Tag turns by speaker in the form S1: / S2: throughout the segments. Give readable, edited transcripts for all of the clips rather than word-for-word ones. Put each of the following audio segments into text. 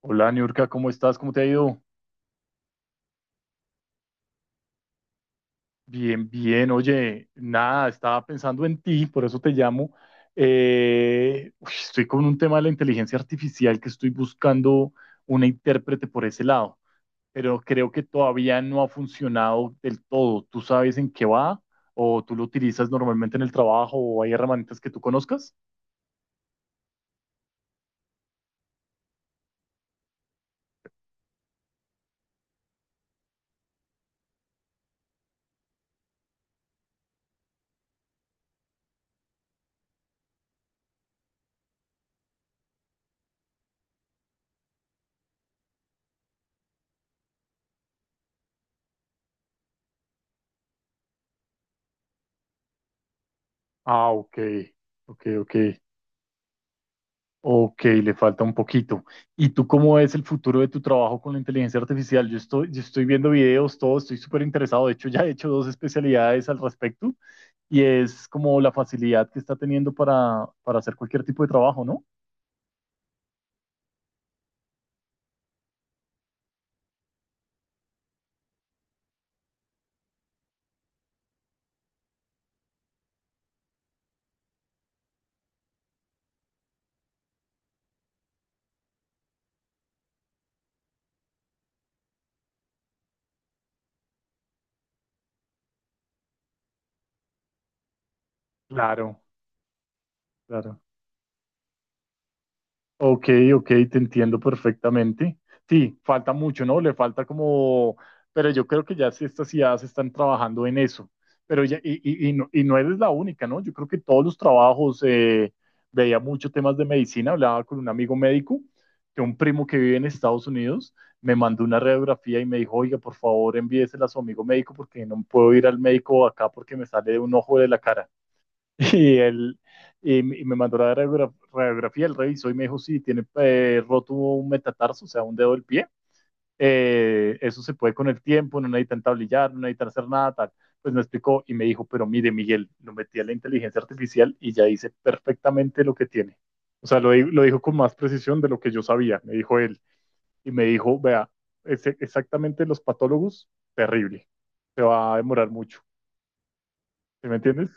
S1: Hola, Niurka, ¿cómo estás? ¿Cómo te ha ido? Bien, bien. Oye, nada, estaba pensando en ti, por eso te llamo. Estoy con un tema de la inteligencia artificial que estoy buscando una intérprete por ese lado, pero creo que todavía no ha funcionado del todo. ¿Tú sabes en qué va? ¿O tú lo utilizas normalmente en el trabajo? ¿O hay herramientas que tú conozcas? Ah, ok, ok, ok. Ok, le falta un poquito. ¿Y tú cómo ves el futuro de tu trabajo con la inteligencia artificial? Yo estoy viendo videos, todo, estoy súper interesado. De hecho, ya he hecho dos especialidades al respecto y es como la facilidad que está teniendo para hacer cualquier tipo de trabajo, ¿no? Claro, claro. Ok, ok, te entiendo perfectamente. Sí, falta mucho, ¿no? Le falta como, pero yo creo que ya sí estas ideas están trabajando en eso. Pero ya, y no eres la única, ¿no? Yo creo que todos los trabajos, veía muchos temas de medicina, hablaba con un amigo médico, que un primo que vive en Estados Unidos me mandó una radiografía y me dijo, oiga, por favor, envíesela a su amigo médico porque no puedo ir al médico acá porque me sale de un ojo de la cara. Y él y me mandó la radiografía, él revisó y me dijo, sí, tiene roto un metatarso, o sea, un dedo del pie. Eso se puede con el tiempo, no necesitan tablillar, no necesitan hacer nada, tal. Pues me explicó y me dijo, pero mire, Miguel, lo metí a la inteligencia artificial y ya dice perfectamente lo que tiene. O sea, lo dijo con más precisión de lo que yo sabía, me dijo él. Y me dijo, vea, exactamente los patólogos, terrible. Se va a demorar mucho. ¿Sí me entiendes?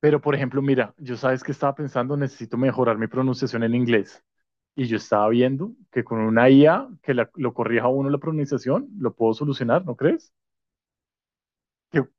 S1: Pero, por ejemplo, mira, yo sabes que estaba pensando, necesito mejorar mi pronunciación en inglés. Y yo estaba viendo que con una IA que lo corrija a uno la pronunciación, lo puedo solucionar, ¿no crees? Que-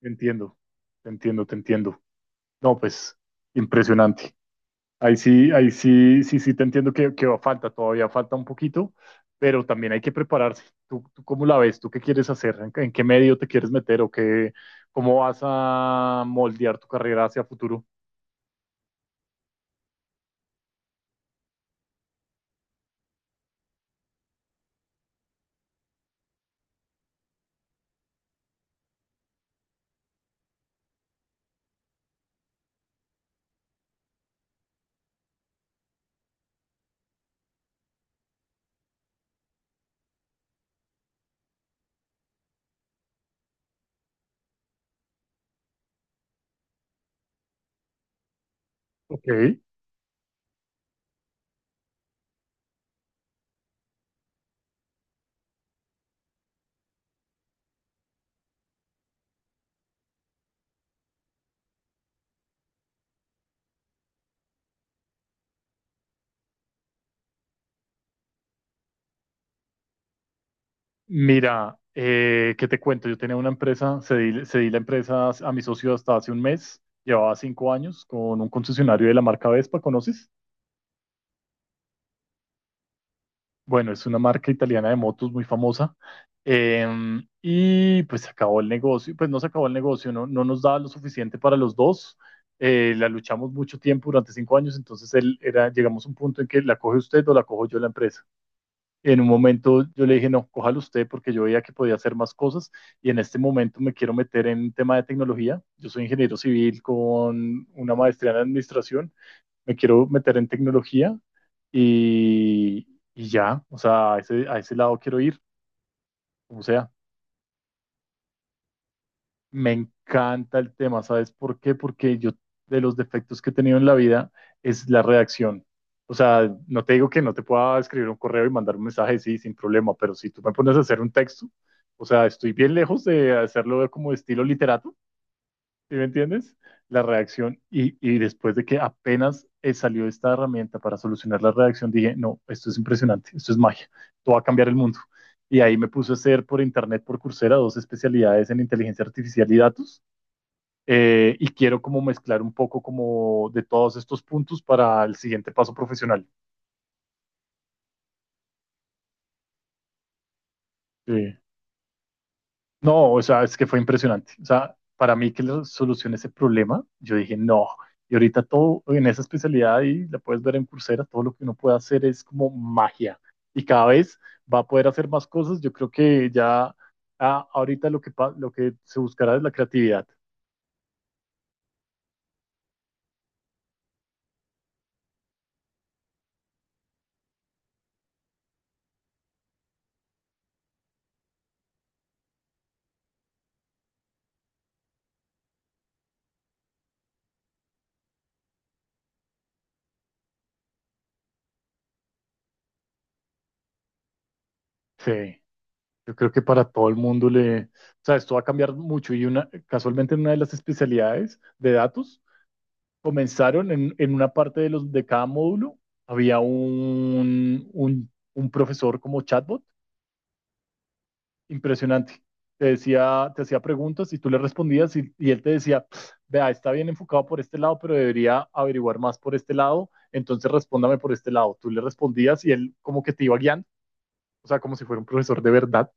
S1: Te entiendo, te entiendo, te entiendo. No, pues, impresionante. Ahí sí, sí, sí, te entiendo que falta, todavía falta un poquito, pero también hay que prepararse. ¿Tú cómo la ves? ¿Tú qué quieres hacer? ¿En qué medio te quieres meter? ¿O qué, cómo vas a moldear tu carrera hacia futuro? Ok. Mira, ¿qué te cuento? Yo tenía una empresa, cedí la empresa a mi socio hasta hace un mes, llevaba cinco años con un concesionario de la marca Vespa, ¿conoces? Bueno, es una marca italiana de motos muy famosa. Y pues se acabó el negocio, pues no se acabó el negocio, no, no nos daba lo suficiente para los dos. La luchamos mucho tiempo durante cinco años, entonces él era, llegamos a un punto en que la coge usted o la cojo yo la empresa. En un momento yo le dije, no, cójalo usted porque yo veía que podía hacer más cosas y en este momento me quiero meter en tema de tecnología. Yo soy ingeniero civil con una maestría en administración, me quiero meter en tecnología y, y ya, o sea, a ese lado quiero ir, como sea. Me encanta el tema, ¿sabes por qué? Porque yo, de los defectos que he tenido en la vida es la redacción. O sea, no te digo que no te pueda escribir un correo y mandar un mensaje, sí, sin problema, pero si tú me pones a hacer un texto, o sea, estoy bien lejos de hacerlo como estilo literato, ¿sí me entiendes? La redacción y, después de que apenas salió esta herramienta para solucionar la redacción, dije, no, esto es impresionante, esto es magia, esto va a cambiar el mundo. Y ahí me puse a hacer por internet, por Coursera, dos especialidades en inteligencia artificial y datos, y quiero como mezclar un poco como de todos estos puntos para el siguiente paso profesional. Sí. No, o sea, es que fue impresionante. O sea, para mí que le solucione ese problema, yo dije, no. Y ahorita todo en esa especialidad y la puedes ver en Coursera, todo lo que uno puede hacer es como magia. Y cada vez va a poder hacer más cosas. Yo creo que ya, ahorita lo que se buscará es la creatividad. Sí. Yo creo que para todo el mundo le, o sea, esto va a cambiar mucho y una, casualmente en una de las especialidades de datos comenzaron en una parte de los de cada módulo había un profesor como chatbot impresionante. Te decía, te hacía preguntas y tú le respondías y él te decía, vea, está bien enfocado por este lado, pero debería averiguar más por este lado, entonces respóndame por este lado. Tú le respondías y él como que te iba guiando, o sea, como si fuera un profesor de verdad.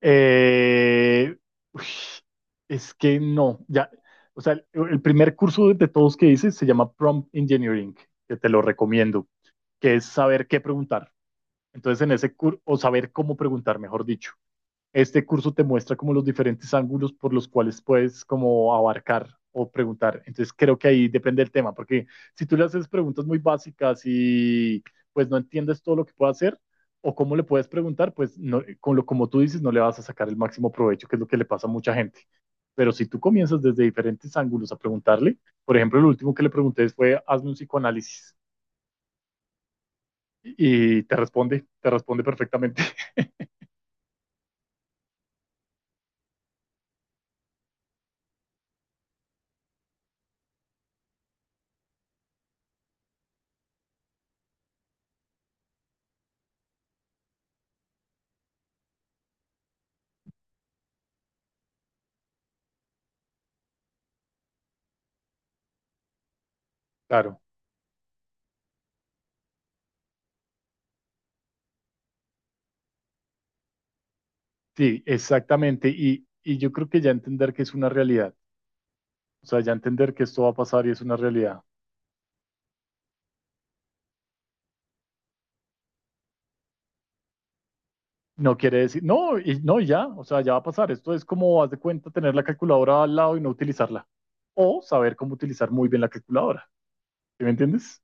S1: Eh, uy, es que no, ya, o sea, el primer curso de todos que hice se llama Prompt Engineering, que te lo recomiendo, que es saber qué preguntar. Entonces, en ese curso, o saber cómo preguntar, mejor dicho. Este curso te muestra como los diferentes ángulos por los cuales puedes como abarcar o preguntar. Entonces creo que ahí depende del tema, porque si tú le haces preguntas muy básicas y pues no entiendes todo lo que puede hacer o cómo le puedes preguntar, pues no, con lo como tú dices no le vas a sacar el máximo provecho, que es lo que le pasa a mucha gente. Pero si tú comienzas desde diferentes ángulos a preguntarle, por ejemplo, lo último que le pregunté fue, hazme un psicoanálisis y te responde perfectamente. Claro. Sí, exactamente. Y yo creo que ya entender que es una realidad, o sea, ya entender que esto va a pasar y es una realidad, no quiere decir, no, y ya, o sea, ya va a pasar. Esto es como, haz de cuenta, tener la calculadora al lado y no utilizarla. O saber cómo utilizar muy bien la calculadora. ¿Sí me entiendes?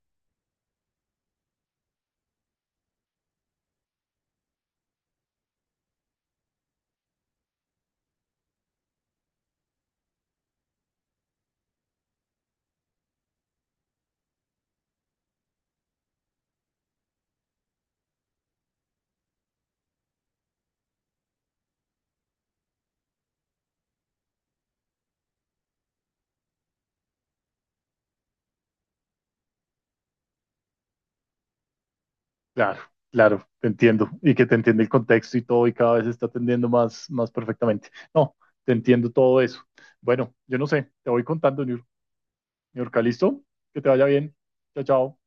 S1: Claro, claro, te entiendo. Y que te entiende el contexto y todo y cada vez está atendiendo más, más perfectamente. No, te entiendo todo eso. Bueno, yo no sé, te voy contando, New York, ¿listo? Que te vaya bien. Chao, chao.